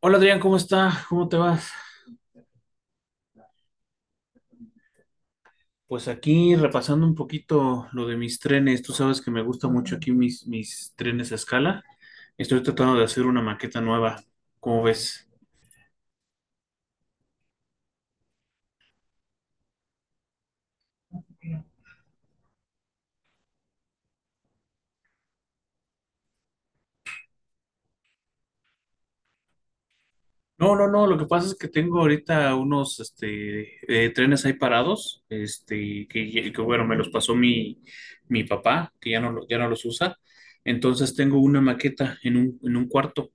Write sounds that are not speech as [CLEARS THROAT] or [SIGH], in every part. Hola Adrián, ¿cómo está? ¿Cómo te vas? Pues aquí repasando un poquito lo de mis trenes. Tú sabes que me gusta mucho aquí mis trenes a escala. Estoy tratando de hacer una maqueta nueva. ¿Cómo ves? No, no, no. Lo que pasa es que tengo ahorita unos trenes ahí parados, que, bueno, me los pasó mi papá, que ya ya no los usa. Entonces tengo una maqueta en en un cuarto.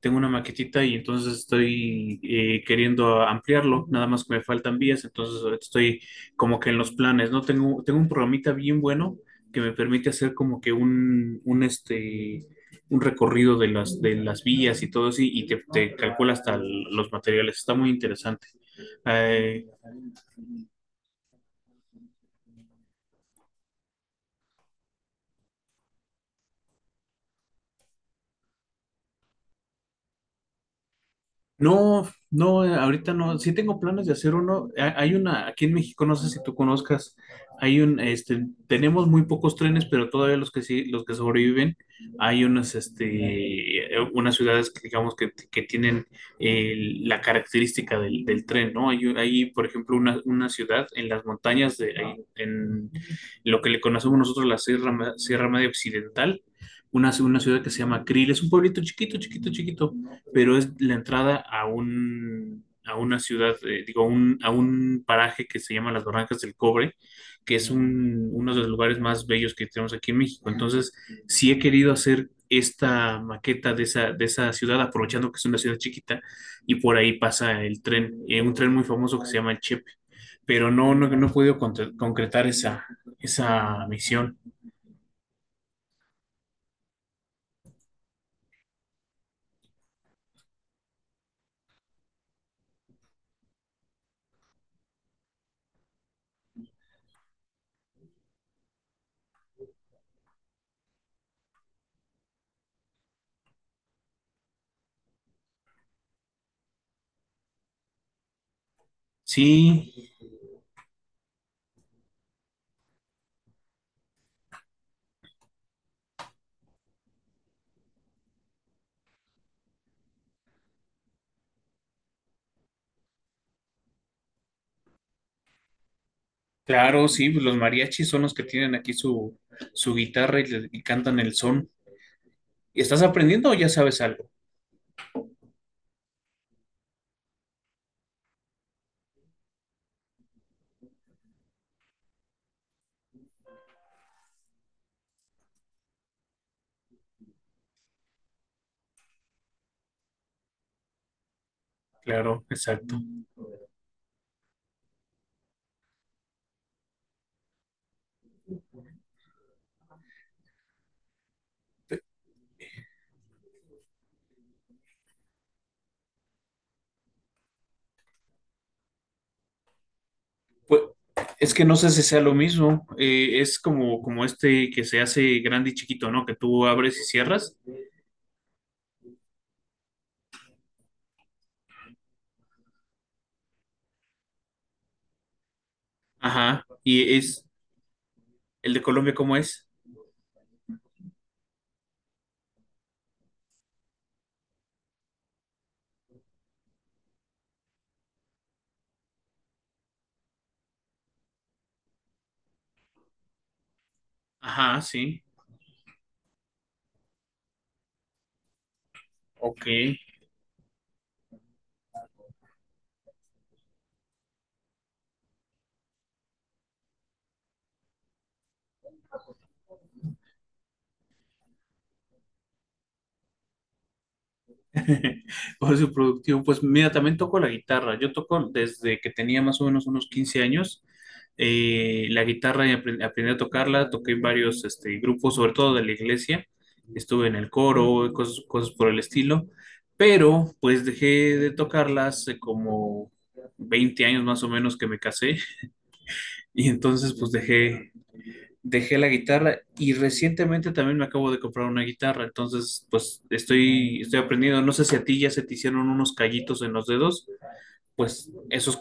Tengo una maquetita y entonces estoy queriendo ampliarlo, nada más que me faltan vías, entonces ahorita estoy como que en los planes, ¿no? Tengo un programita bien bueno que me permite hacer como que un recorrido de de las vías y todo así, y te calcula hasta los materiales, está muy interesante. Eh, No, no, ahorita no. Sí tengo planes de hacer uno. Hay una, aquí en México, no sé si tú conozcas, hay tenemos muy pocos trenes, pero todavía los que sí, los que sobreviven, hay unas, unas ciudades que digamos que tienen eh, la característica del tren, ¿no? Hay, por ejemplo, una ciudad en las montañas de, ahí, en lo que le conocemos nosotros la Sierra Media Occidental, una ciudad que se llama Krill, es un pueblito chiquito, chiquito, chiquito, pero es la entrada a un, a una ciudad, digo, a un paraje que se llama Las Barrancas del Cobre, que es uno de los lugares más bellos que tenemos aquí en México. Entonces, sí he querido hacer esta maqueta de de esa ciudad, aprovechando que es una ciudad chiquita y por ahí pasa el tren, un tren muy famoso que se llama el Chepe, pero no, no he podido concretar esa, esa misión. Sí. Claro, sí, pues los mariachis son los que tienen aquí su, su guitarra y, cantan el son. ¿Y estás aprendiendo o ya sabes algo? Claro, exacto. Pues es que no sé si sea lo mismo. Es como, como este que se hace grande y chiquito, ¿no? Que tú abres y cierras. Ajá. ¿Y es el de Colombia, cómo es? Ajá, sí. Ok. [LAUGHS] Por su productivo, pues mira, también toco la guitarra. Yo toco desde que tenía más o menos unos 15 años. La guitarra y aprendí a tocarla, toqué en varios grupos, sobre todo de la iglesia. Estuve en el coro, y cosas por el estilo. Pero pues dejé de tocarla hace como 20 años más o menos que me casé. [LAUGHS] Y entonces pues dejé la guitarra y recientemente también me acabo de comprar una guitarra, entonces pues estoy aprendiendo, no sé si a ti ya se te hicieron unos callitos en los dedos, pues esos,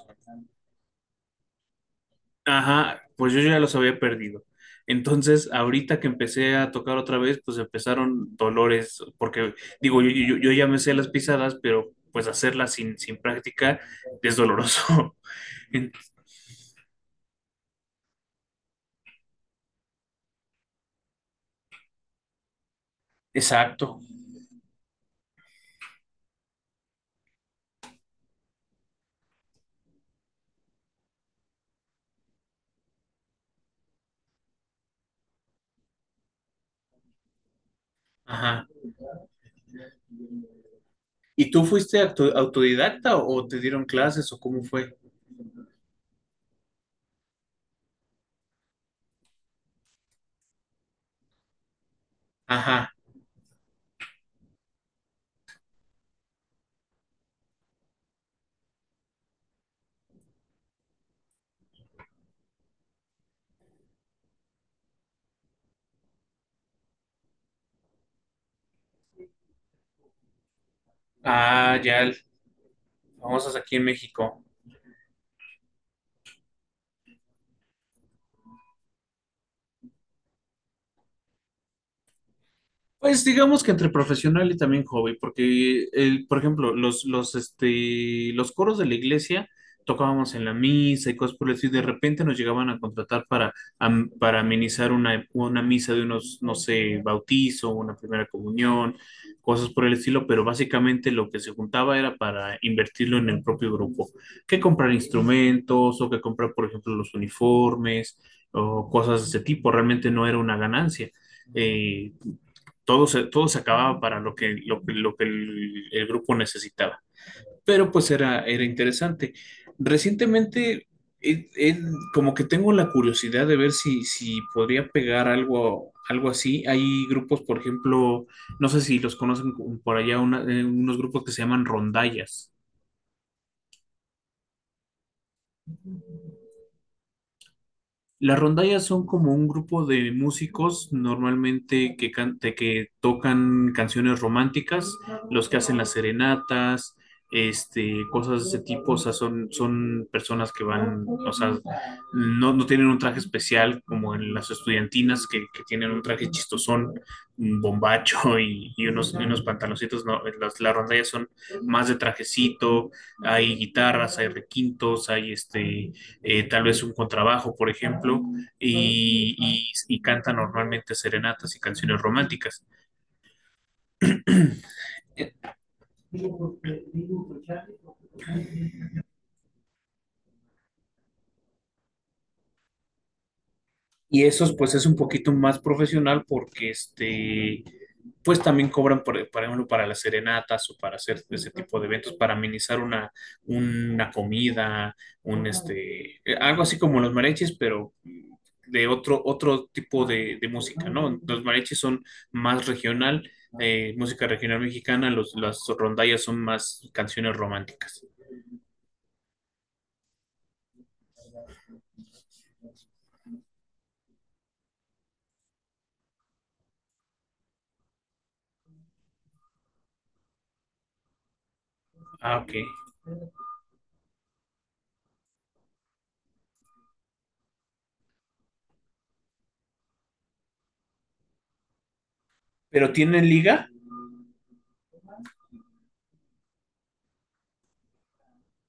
ajá, pues yo ya los había perdido. Entonces, ahorita que empecé a tocar otra vez, pues empezaron dolores, porque digo, yo ya me sé las pisadas, pero pues hacerlas sin práctica es doloroso. [LAUGHS] En- Exacto. Ajá. ¿Y tú fuiste autodidacta o te dieron clases o cómo fue? Ajá. Ah, ya, el- Famosas aquí en México. Pues digamos que entre profesional y también hobby, porque, por ejemplo, los coros de la iglesia tocábamos en la misa y cosas por el estilo, y de repente nos llegaban a contratar para, para amenizar una misa de unos, no sé, bautizo, una primera comunión, cosas por el estilo, pero básicamente lo que se juntaba era para invertirlo en el propio grupo, que comprar instrumentos o que comprar, por ejemplo, los uniformes o cosas de ese tipo, realmente no era una ganancia. Eh, todo se acababa para lo que, lo que el grupo necesitaba. Pero pues era interesante. Recientemente, eh, eh, como que tengo la curiosidad de ver si, si podría pegar algo, algo así. Hay grupos, por ejemplo, no sé si los conocen por allá, una, unos grupos que se llaman rondallas. Las rondallas son como un grupo de músicos normalmente de que tocan canciones románticas, los que hacen las serenatas, cosas de ese tipo, o sea, son, son personas que van, o sea, no tienen un traje especial como en las estudiantinas que tienen un traje chistosón, un bombacho [LAUGHS] y unos pantaloncitos, no, las rondallas son más de trajecito, hay guitarras, hay requintos, hay tal vez un contrabajo, por ejemplo, y canta normalmente serenatas y canciones románticas. [CLEARS THROAT] [COUGHS] Y esos, pues, es un poquito más profesional porque pues también cobran, por ejemplo, para las serenatas o para hacer ese tipo de eventos, para amenizar una comida, algo así como los mariachis, pero de otro tipo de música, ¿no? Los mariachis son más regional, música regional mexicana, los, las rondallas son más canciones románticas. Ah, ok. ¿Pero tienen liga?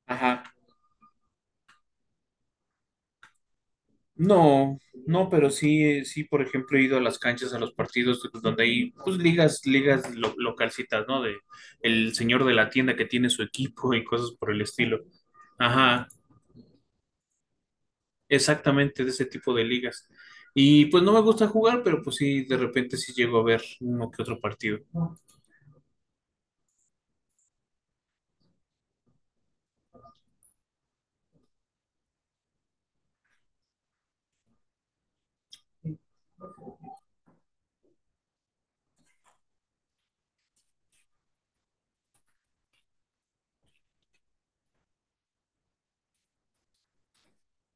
Ajá. No, no, pero sí, sí, por ejemplo, he ido a las canchas, a los partidos donde hay pues ligas, localcitas, ¿no? De el señor de la tienda que tiene su equipo y cosas por el estilo. Ajá, exactamente de ese tipo de ligas. Y pues no me gusta jugar, pero pues sí, de repente sí llego a ver uno que otro partido.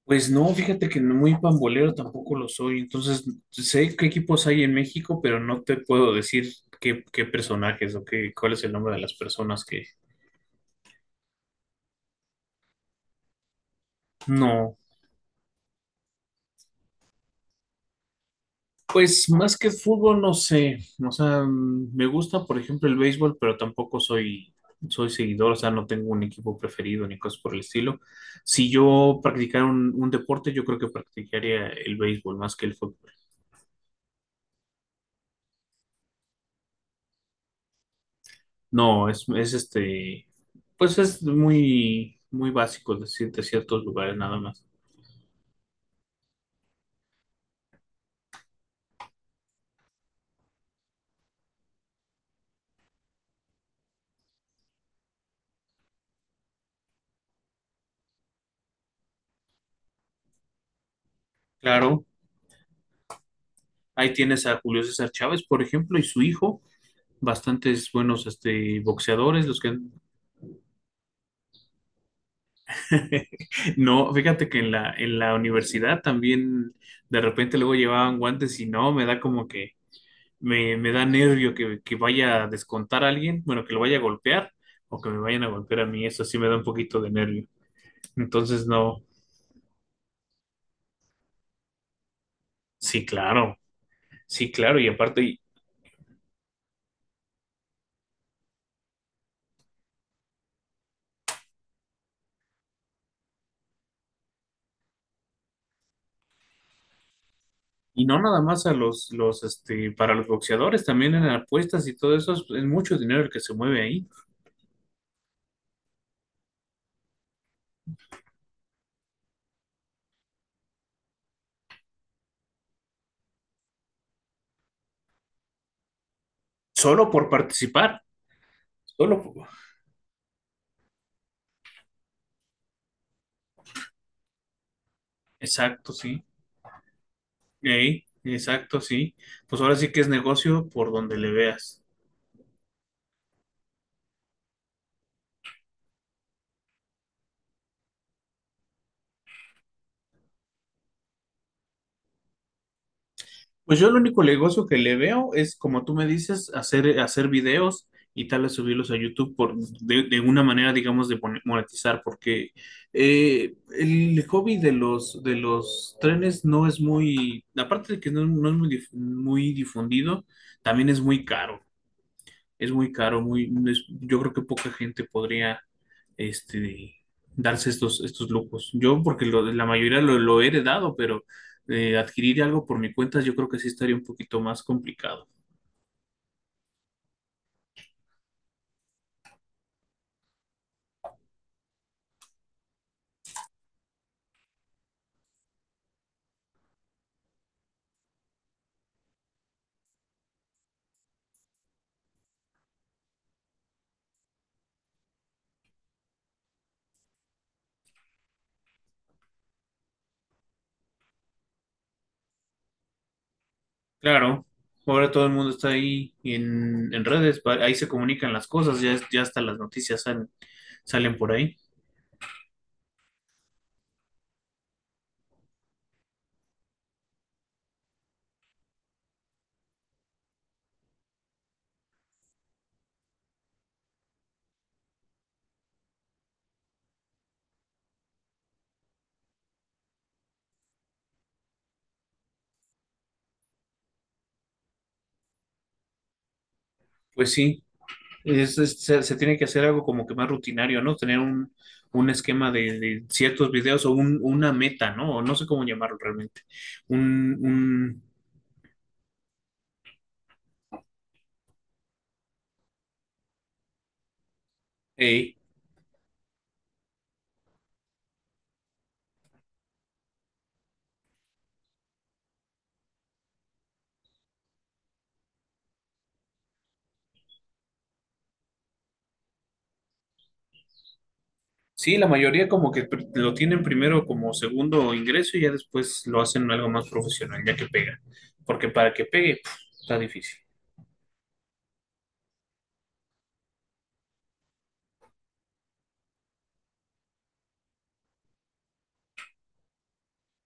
Pues no, fíjate que no muy pambolero tampoco lo soy, entonces sé qué equipos hay en México, pero no te puedo decir qué personajes o qué, cuál es el nombre de las personas que... No. Pues más que fútbol, no sé. O sea, mm, me gusta, por ejemplo, el béisbol, pero tampoco soy, soy seguidor, o sea, no tengo un equipo preferido ni cosas por el estilo. Si yo practicara un deporte, yo creo que practicaría el béisbol más que el fútbol. No, es este, pues es muy, muy básico decirte ciertos lugares nada más. Claro, ahí tienes a Julio César Chávez, por ejemplo, y su hijo, bastantes buenos boxeadores, los que han [LAUGHS] no, fíjate que en en la universidad también de repente luego llevaban guantes y no, me da como que me da nervio que vaya a descontar a alguien, bueno, que lo vaya a golpear o que me vayan a golpear a mí, eso sí me da un poquito de nervio. Entonces, no, sí, claro, sí, claro, y aparte, y no nada más a para los boxeadores, también en apuestas y todo eso, es mucho dinero el que se mueve ahí, solo por participar, solo por... Exacto, sí. Ey, exacto, sí. Pues ahora sí que es negocio por donde le veas. Pues yo el único negocio que le veo es, como tú me dices, hacer videos y tal vez subirlos a YouTube por, de una manera, digamos, de monetizar, porque el hobby de los trenes no es muy, aparte de que no, no es muy, dif- muy difundido, también es muy caro. Es muy caro, yo creo que poca gente podría este, darse estos, estos lujos. Yo, porque la mayoría lo he heredado, pero adquirir algo por mi cuenta, yo creo que sí estaría un poquito más complicado. Claro, ahora todo el mundo está ahí en redes, ahí se comunican las cosas, ya hasta las noticias salen por ahí. Pues sí, se tiene que hacer algo como que más rutinario, ¿no? Tener un esquema de ciertos videos o una meta, ¿no? O no sé cómo llamarlo realmente. Un, un, eh, sí, la mayoría como que lo tienen primero como segundo ingreso y ya después lo hacen algo más profesional, ya que pega. Porque para que pegue, puf, está difícil.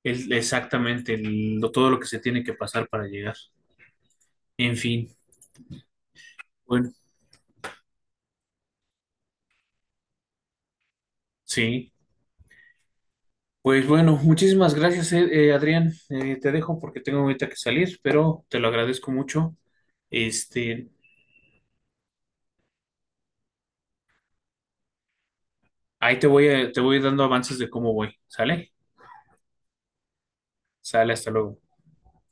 Es exactamente todo lo que se tiene que pasar para llegar. En fin, bueno, sí. Pues bueno, muchísimas gracias, Adrián. Te dejo porque tengo ahorita que salir, pero te lo agradezco mucho. Este, ahí te voy dando avances de cómo voy. ¿Sale? Sale, hasta luego.